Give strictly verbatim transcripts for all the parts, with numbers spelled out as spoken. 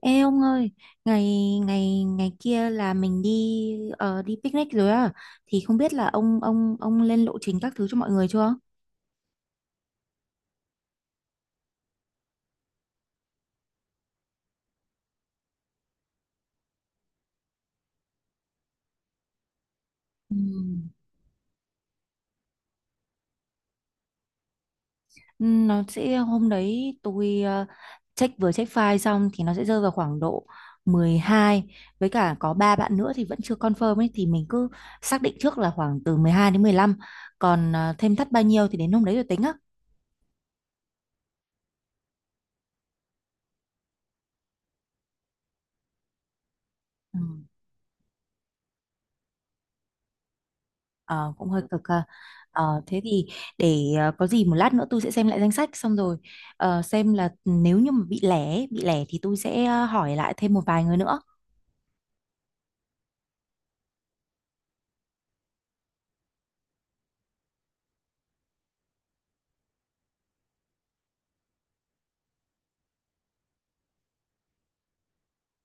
Ê ông ơi, ngày ngày ngày kia là mình đi ờ, đi picnic rồi á, thì không biết là ông ông ông lên lộ trình các thứ cho mọi người chưa? Ừm. Ừ, nó sẽ hôm đấy tôi ờ, check vừa check file xong thì nó sẽ rơi vào khoảng độ mười hai, với cả có ba bạn nữa thì vẫn chưa confirm ấy thì mình cứ xác định trước là khoảng từ mười hai đến mười lăm, còn ờ, thêm thắt bao nhiêu thì đến hôm đấy rồi tính á. Ừ. Ờ, cũng hơi cực ha. Ờ, thế thì để ờ, có gì một lát nữa tôi sẽ xem lại danh sách xong rồi, ờ, xem là nếu như mà bị lẻ ấy, bị lẻ thì tôi sẽ ờ, hỏi lại thêm một vài người nữa.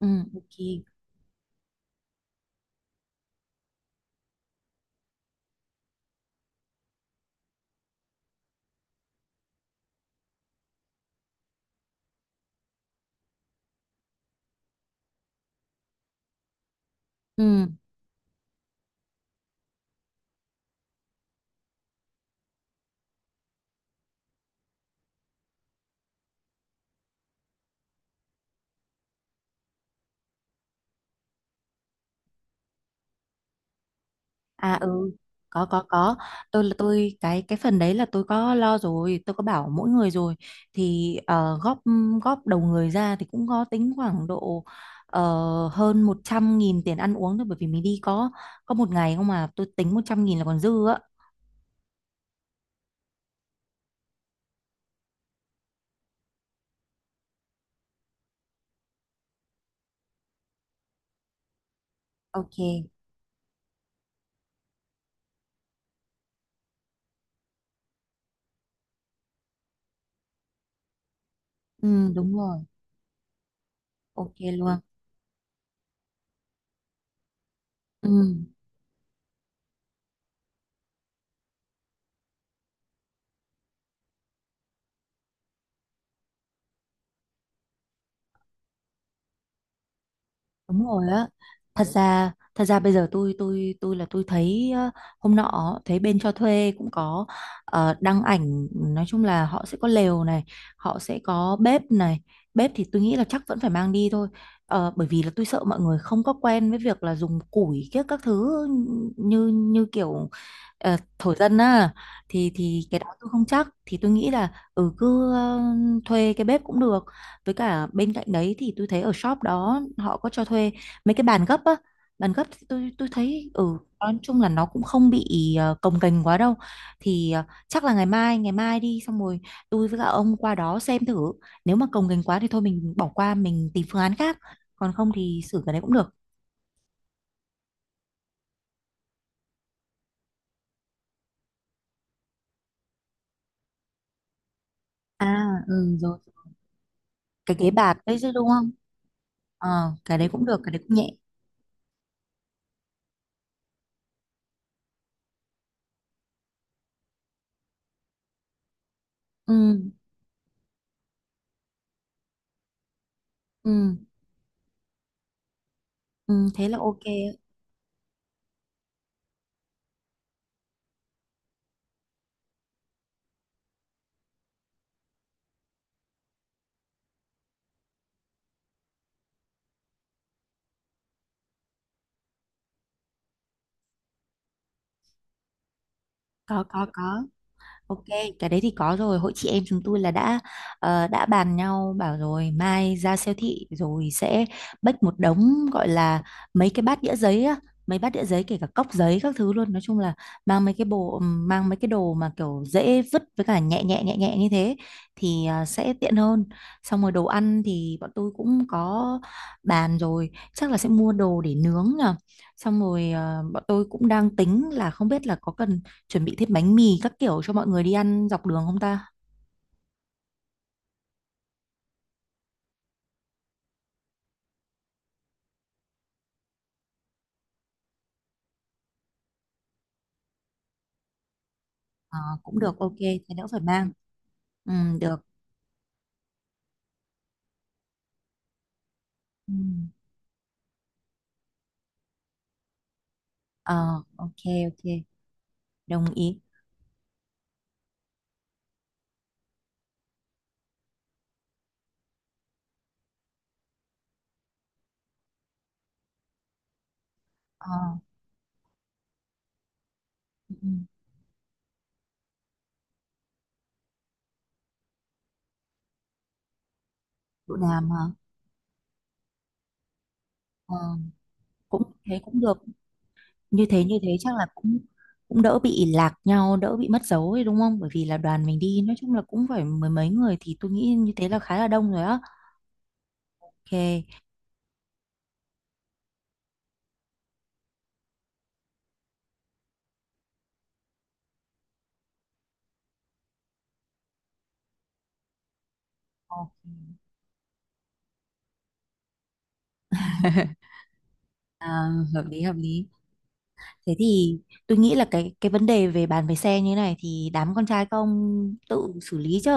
Ừ, ok. Ừ, à ừ, có có có. Tôi là tôi cái cái phần đấy là tôi có lo rồi, tôi có bảo mỗi người rồi thì ờ, góp góp đầu người ra thì cũng có tính khoảng độ ờ, hơn một trăm nghìn tiền ăn uống thôi, bởi vì mình đi có có một ngày không mà tôi tính một trăm nghìn là còn dư á. Ok. Ừ, đúng rồi, ok luôn. Ừ, đúng rồi á. Thật ra, thật ra bây giờ tôi tôi tôi là tôi thấy ờ, hôm nọ thấy bên cho thuê cũng có ờ, đăng ảnh, nói chung là họ sẽ có lều này, họ sẽ có bếp này. Bếp thì tôi nghĩ là chắc vẫn phải mang đi thôi. Ờ, bởi vì là tôi sợ mọi người không có quen với việc là dùng củi các các thứ như như kiểu ờ, thổ dân á, thì thì cái đó tôi không chắc thì tôi nghĩ là ừ cứ ờ, thuê cái bếp cũng được, với cả bên cạnh đấy thì tôi thấy ở shop đó họ có cho thuê mấy cái bàn gấp á. Bàn gấp thì tôi tôi thấy ừ, nói chung là nó cũng không bị ờ, cồng kềnh quá đâu, thì ờ, chắc là ngày mai ngày mai đi xong rồi tôi với cả ông qua đó xem thử, nếu mà cồng kềnh quá thì thôi mình bỏ qua, mình tìm phương án khác, còn không thì xử cái đấy cũng được. À ừ rồi, cái ghế bạt đấy chứ đúng không? Ờ, cái đấy cũng được, cái đấy cũng nhẹ. Ừ, ừ, ừ, thế là ok. Có có có. Ok, cái đấy thì có rồi. Hội chị em chúng tôi là đã ờ, đã bàn nhau bảo rồi mai ra siêu thị rồi sẽ bách một đống gọi là mấy cái bát đĩa giấy á, mấy bát đĩa giấy kể cả cốc giấy các thứ luôn. Nói chung là mang mấy cái bộ, mang mấy cái đồ mà kiểu dễ vứt với cả nhẹ nhẹ nhẹ nhẹ như thế thì ờ, sẽ tiện hơn. Xong rồi đồ ăn thì bọn tôi cũng có bàn rồi, chắc là sẽ mua đồ để nướng nhờ. Xong rồi ờ, bọn tôi cũng đang tính là không biết là có cần chuẩn bị thêm bánh mì các kiểu cho mọi người đi ăn dọc đường không ta? Ờ, cũng được, ok, thế đỡ phải mang. Ừ, được. Ừ. Ờ, ok, ok, đồng ý. Ờ, ừ, ừ. Độ đàm hả? Ờ, cũng thế cũng được. Như thế như thế chắc là cũng cũng đỡ bị lạc nhau, đỡ bị mất dấu ấy đúng không? Bởi vì là đoàn mình đi nói chung là cũng phải mười mấy người thì tôi nghĩ như thế là khá là đông rồi á. Ok. Ok. À, hợp lý hợp lý. Thế thì tôi nghĩ là cái cái vấn đề về bàn về xe như này thì đám con trai các ông tự xử lý chứ.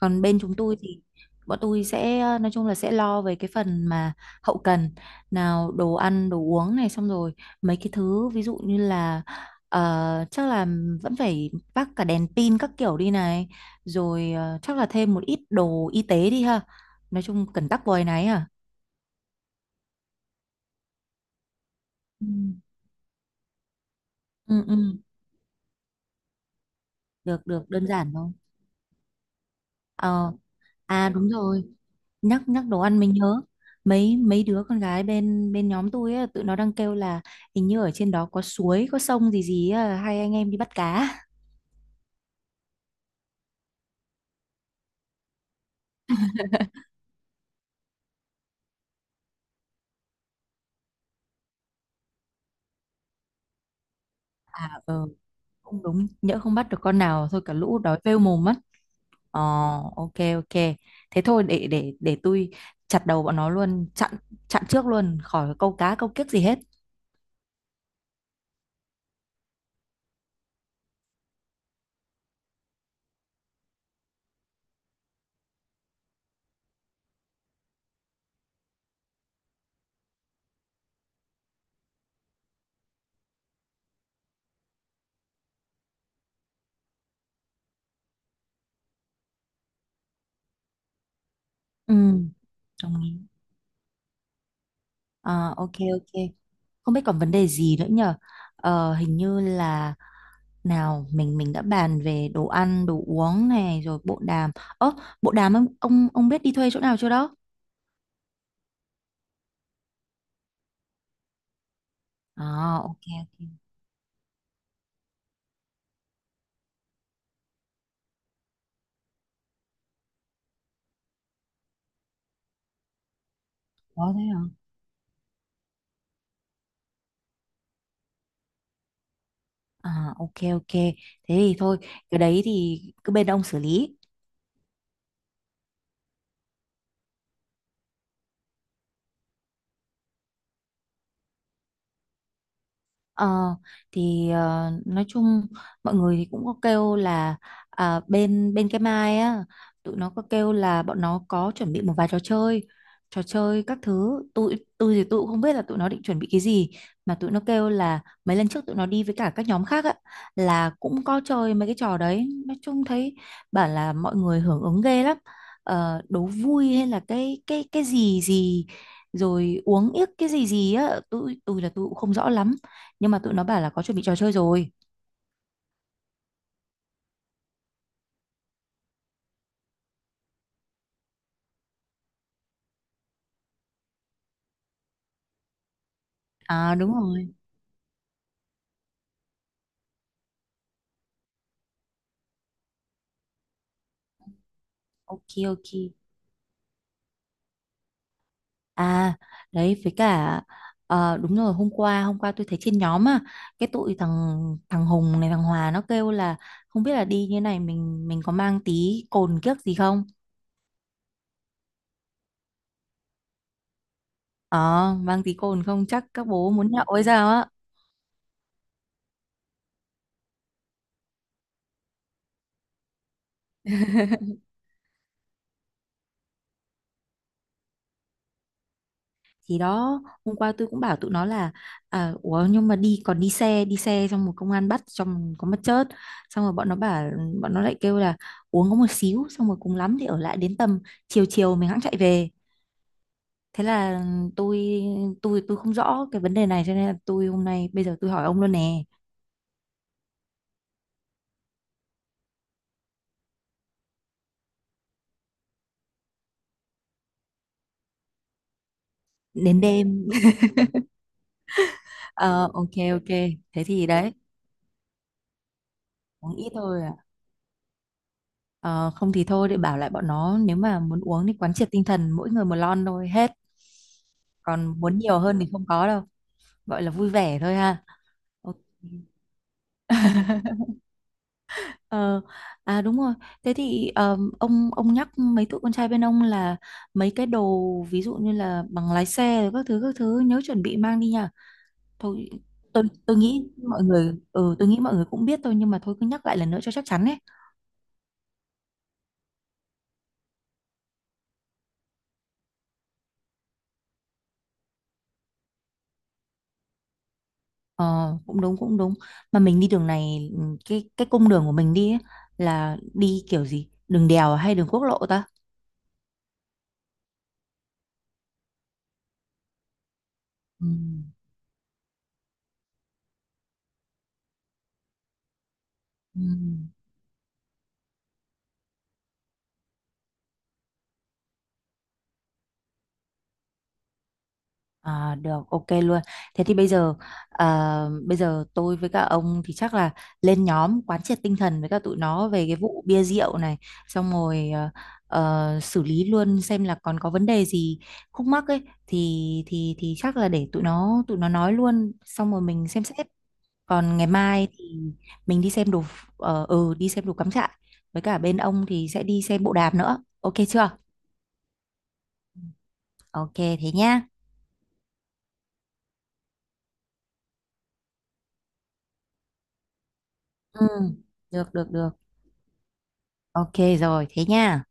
Còn bên chúng tôi thì bọn tôi sẽ ờ, nói chung là sẽ lo về cái phần mà hậu cần, nào đồ ăn đồ uống này, xong rồi mấy cái thứ ví dụ như là ờ, chắc là vẫn phải vác cả đèn pin các kiểu đi này, rồi ờ, chắc là thêm một ít đồ y tế đi ha. Nói chung cần tắc vòi này à. Ừ. Ừ, ừ, được được đơn giản thôi. Ờ, à đúng rồi. Nhắc nhắc đồ ăn mình nhớ, mấy mấy đứa con gái bên bên nhóm tôi á, tụi nó đang kêu là hình như ở trên đó có suối có sông gì gì á, hai anh em đi bắt cá. Ờ, không đúng, nhỡ không bắt được con nào thôi cả lũ đói phêu mồm mất. Ờ, ok ok, thế thôi để để để tôi chặt đầu bọn nó luôn, chặn chặn trước luôn khỏi câu cá câu kiếc gì hết. Ừ, đồng ý. Ờ, ok ok, không biết còn vấn đề gì nữa nhờ, ờ, hình như là, nào, mình mình đã bàn về đồ ăn, đồ uống này rồi bộ đàm. Ơ, bộ đàm ông ông ông biết đi thuê chỗ nào chưa đó? À, ok ok. Có thế hả? À, ok ok. Thế thì thôi, cái đấy thì cứ bên ông xử lý. Ờ, thì ờ, nói chung mọi người thì cũng có kêu là à, bên bên cái Mai á, tụi nó có kêu là bọn nó có chuẩn bị một vài trò chơi. Trò chơi các thứ tôi tôi thì tôi cũng không biết là tụi nó định chuẩn bị cái gì, mà tụi nó kêu là mấy lần trước tụi nó đi với cả các nhóm khác á, là cũng có chơi mấy cái trò đấy, nói chung thấy bảo là mọi người hưởng ứng ghê lắm. Ờ, đố vui hay là cái cái cái gì gì, rồi uống yếc cái gì gì á, tôi tôi là tôi cũng không rõ lắm, nhưng mà tụi nó bảo là có chuẩn bị trò chơi rồi. À đúng rồi. Ok ok. À, đấy với cả ờ, đúng rồi, hôm qua hôm qua tôi thấy trên nhóm á, cái tụi thằng, thằng Hùng này thằng Hòa nó kêu là không biết là đi như này mình mình có mang tí cồn kiếc gì không. Ờ, mang tí cồn không chắc các bố muốn nhậu hay sao. Thì đó, hôm qua tôi cũng bảo tụi nó là à, ủa nhưng mà đi còn đi xe, đi xe xong một công an bắt xong có mất chớt. Xong rồi bọn nó bảo, bọn nó lại kêu là uống có một xíu, xong rồi cùng lắm thì ở lại đến tầm chiều chiều mình hẵng chạy về. Thế là tôi, tôi tôi không rõ cái vấn đề này cho nên là tôi hôm nay bây giờ tôi hỏi ông luôn nè. Đến đêm. Ờ, ok ok, thế thì đấy, uống ít thôi à. Ờ, không thì thôi để bảo lại bọn nó, nếu mà muốn uống thì quán triệt tinh thần mỗi người một lon thôi hết, còn muốn nhiều hơn thì không có đâu, gọi là vui vẻ thôi ha. Ok. Ờ, à đúng rồi. Thế thì ờm, ông ông nhắc mấy tụi con trai bên ông là mấy cái đồ ví dụ như là bằng lái xe rồi các thứ các thứ nhớ chuẩn bị mang đi nha. Thôi tôi tôi nghĩ mọi người ừ tôi nghĩ mọi người cũng biết thôi, nhưng mà thôi cứ nhắc lại lần nữa cho chắc chắn ấy. Ờ cũng đúng cũng đúng. Mà mình đi đường này ừ, cái cái cung đường của mình đi ấy, là đi kiểu gì? Đường đèo hay đường quốc lộ ta? Ừ, ừ. À, được ok luôn, thế thì bây giờ à, bây giờ tôi với các ông thì chắc là lên nhóm quán triệt tinh thần với cả tụi nó về cái vụ bia rượu này, xong rồi ờ, ờ, xử lý luôn xem là còn có vấn đề gì khúc mắc ấy thì thì thì chắc là để tụi nó tụi nó nói luôn xong rồi mình xem xét. Còn ngày mai thì mình đi xem đồ ph-, ờ ừ, đi xem đồ cắm trại, với cả bên ông thì sẽ đi xem bộ đàm nữa, ok chưa? Ok thế nhá. Ừ, được được được. Ok rồi, thế nha.